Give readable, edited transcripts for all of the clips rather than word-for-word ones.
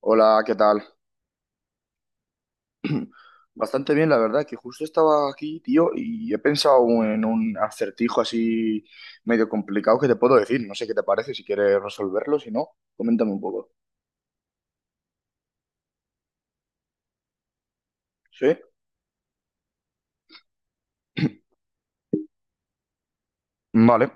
Hola, ¿qué tal? Bastante bien, la verdad, que justo estaba aquí, tío, y he pensado en un acertijo así medio complicado que te puedo decir. No sé qué te parece, si quieres resolverlo, si no, coméntame un poco. ¿Sí? Vale.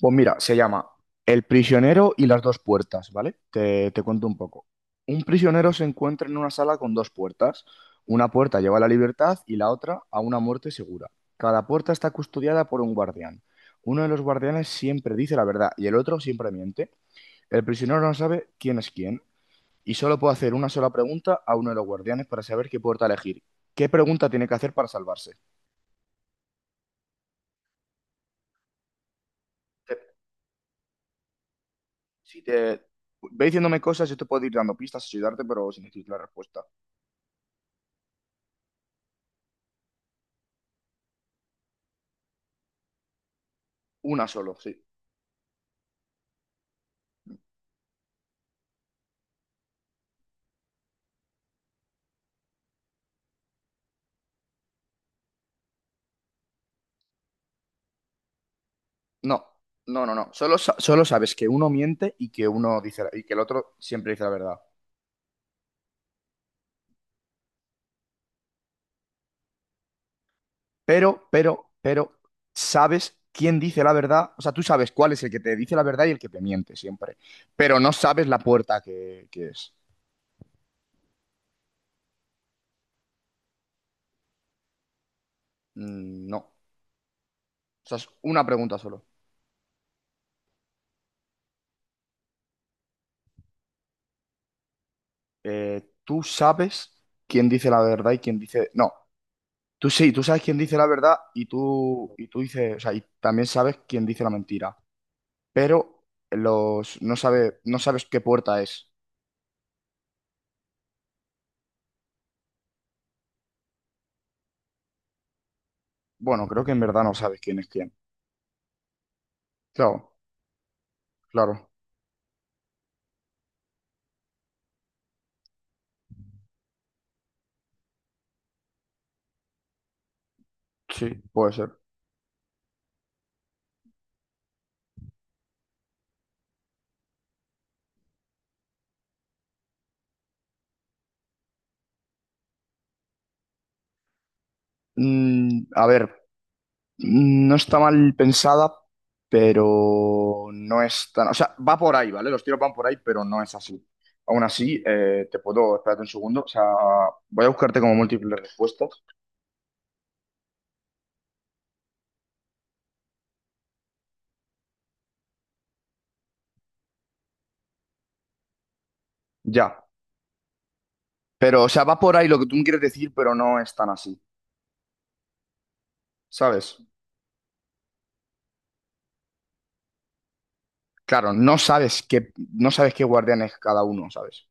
Pues mira, se llama El prisionero y las dos puertas, ¿vale? Te cuento un poco. Un prisionero se encuentra en una sala con dos puertas. Una puerta lleva a la libertad y la otra a una muerte segura. Cada puerta está custodiada por un guardián. Uno de los guardianes siempre dice la verdad y el otro siempre miente. El prisionero no sabe quién es quién y solo puede hacer una sola pregunta a uno de los guardianes para saber qué puerta elegir. ¿Qué pregunta tiene que hacer para salvarse? Te- si te, ve diciéndome cosas, yo te puedo ir dando pistas, ayudarte, pero sin decir la respuesta. Una solo, sí. No, no, no, no. Solo sabes que uno miente y que y que el otro siempre dice la verdad. Pero, sabes quién dice la verdad. O sea, tú sabes cuál es el que te dice la verdad y el que te miente siempre. Pero no sabes la puerta que es. Mm, no. O sea, es una pregunta solo. Tú sabes quién dice la verdad y quién dice. No. Tú sí, tú sabes quién dice la verdad y y tú dices. O sea, y también sabes quién dice la mentira. Pero los, no sabe, no sabes qué puerta es. Bueno, creo que en verdad no sabes quién es quién. Claro, claro, sí, puede ser. A ver, no está mal pensada, pero no es tan. O sea, va por ahí, ¿vale? Los tiros van por ahí, pero no es así. Aún así, te puedo. Espérate un segundo. O sea, voy a buscarte como múltiples respuestas. Ya. Pero, o sea, va por ahí lo que tú me quieres decir, pero no es tan así, ¿sabes? Claro, no sabes qué guardián es cada uno, ¿sabes?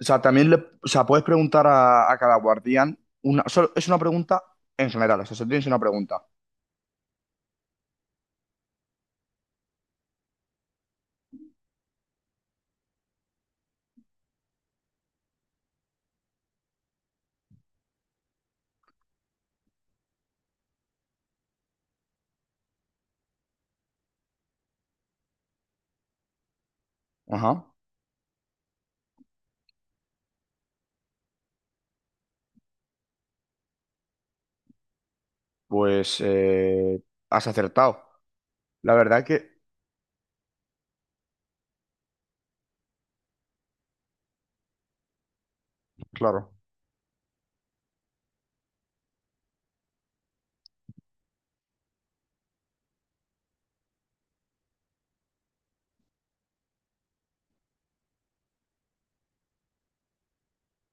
O sea, también o sea, puedes preguntar a cada guardián es una pregunta en general, o sea, solo tienes una pregunta. Ajá. Pues has acertado. La verdad que, claro.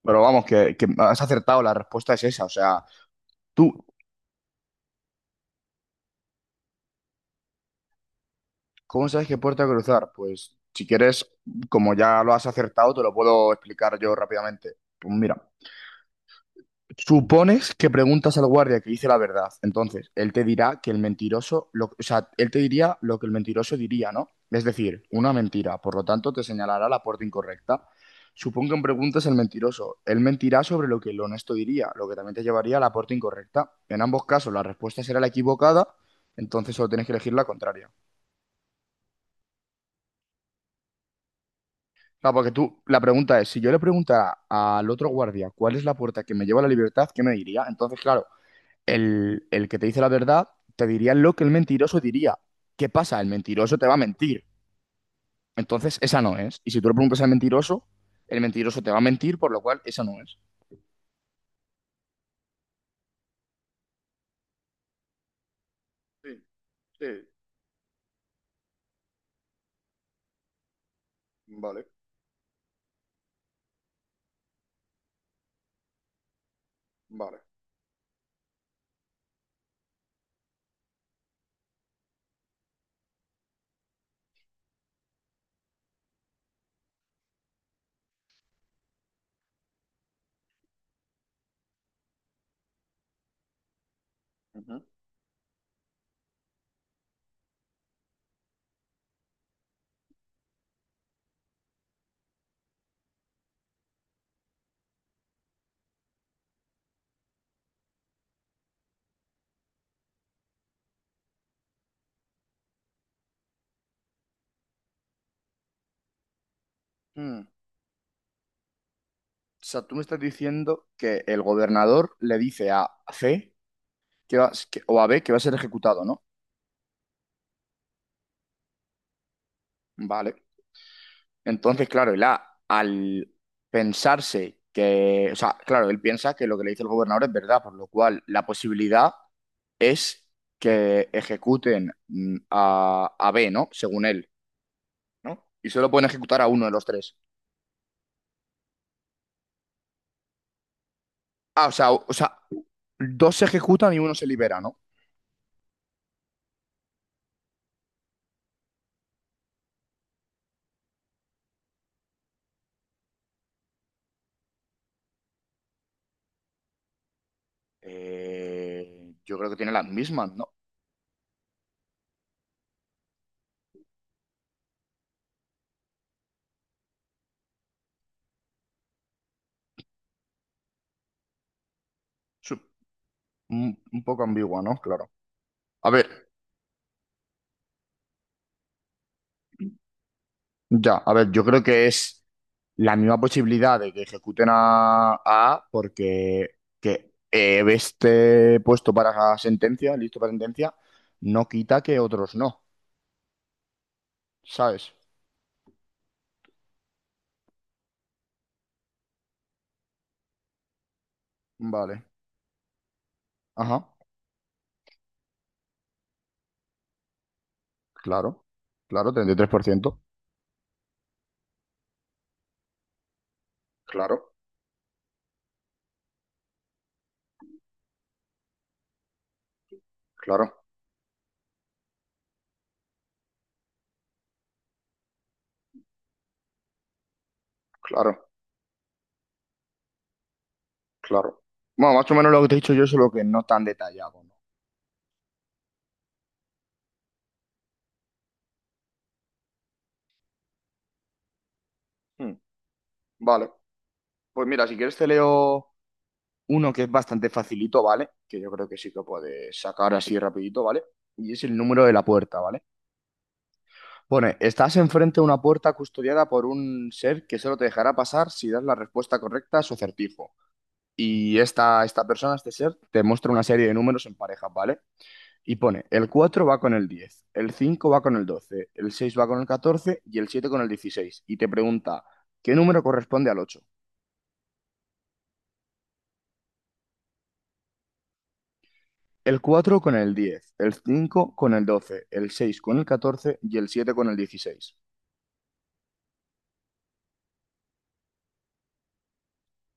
Pero vamos, que has acertado, la respuesta es esa. O sea, tú, ¿cómo sabes qué puerta cruzar? Pues si quieres, como ya lo has acertado, te lo puedo explicar yo rápidamente. Pues mira. Supones que preguntas al guardia que dice la verdad. Entonces, él te dirá que el mentiroso, o sea, él te diría lo que el mentiroso diría, ¿no? Es decir, una mentira. Por lo tanto, te señalará la puerta incorrecta. Supón que preguntas al mentiroso. Él mentirá sobre lo que el honesto diría, lo que también te llevaría a la puerta incorrecta. En ambos casos, la respuesta será la equivocada, entonces solo tienes que elegir la contraria. Claro, porque tú, la pregunta es, si yo le preguntara al otro guardia cuál es la puerta que me lleva a la libertad, ¿qué me diría? Entonces, claro. El que te dice la verdad te diría lo que el mentiroso diría. ¿Qué pasa? El mentiroso te va a mentir. Entonces, esa no es. Y si tú le preguntas al mentiroso, el mentiroso te va a mentir, por lo cual esa no es. Sí, sí, vale. Mm. O sea, tú me estás diciendo que el gobernador le dice a C o a B que va a ser ejecutado, ¿no? Vale. Entonces, claro, él al pensarse que, o sea, claro, él piensa que lo que le dice el gobernador es verdad, por lo cual la posibilidad es que ejecuten a B, ¿no? Según él, ¿no? Y solo pueden ejecutar a uno de los tres. Ah, o sea, o sea, dos se ejecutan y uno se libera, ¿no? Yo creo que tiene las mismas, ¿no? Su- un poco ambigua, ¿no? Claro. A ver, ya, a ver, yo creo que es la misma posibilidad de que ejecuten a A porque que esté puesto para sentencia, listo para sentencia, no quita que otros no, ¿sabes? Vale. Ajá, claro, claro, 33%. Claro, claro, claro, claro. Bueno, más o menos lo que te he dicho yo, solo que no tan detallado, ¿no? Hmm, vale, pues mira, si quieres te leo. Uno que es bastante facilito, ¿vale? Que yo creo que sí que puedes sacar así rapidito, ¿vale? Y es el número de la puerta, ¿vale? Pone, estás enfrente de una puerta custodiada por un ser que solo te dejará pasar si das la respuesta correcta a su acertijo. Y esta persona, este ser, te muestra una serie de números en parejas, ¿vale? Y pone, el 4 va con el 10, el 5 va con el 12, el 6 va con el 14 y el 7 con el 16. Y te pregunta, ¿qué número corresponde al 8? El 4 con el 10, el 5 con el 12, el 6 con el 14 y el 7 con el dieciséis.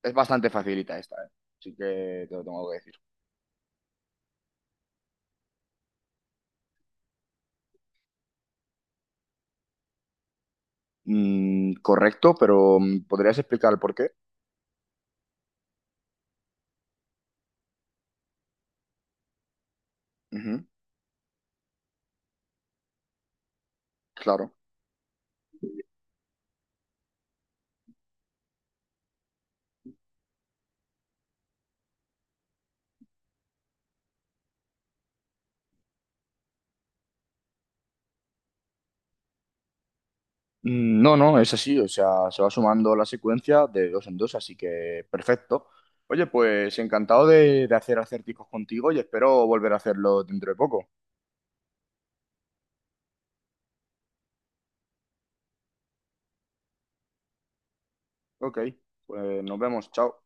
Es bastante facilita esta, ¿eh? Así que te lo tengo que decir. Correcto, pero ¿podrías explicar el por qué? Ujú, claro. Mm, no, no, es así, o sea, se va sumando la secuencia de dos en dos, así que perfecto. Oye, pues encantado de hacer acertijos contigo y espero volver a hacerlo dentro de poco. Ok, pues nos vemos, chao.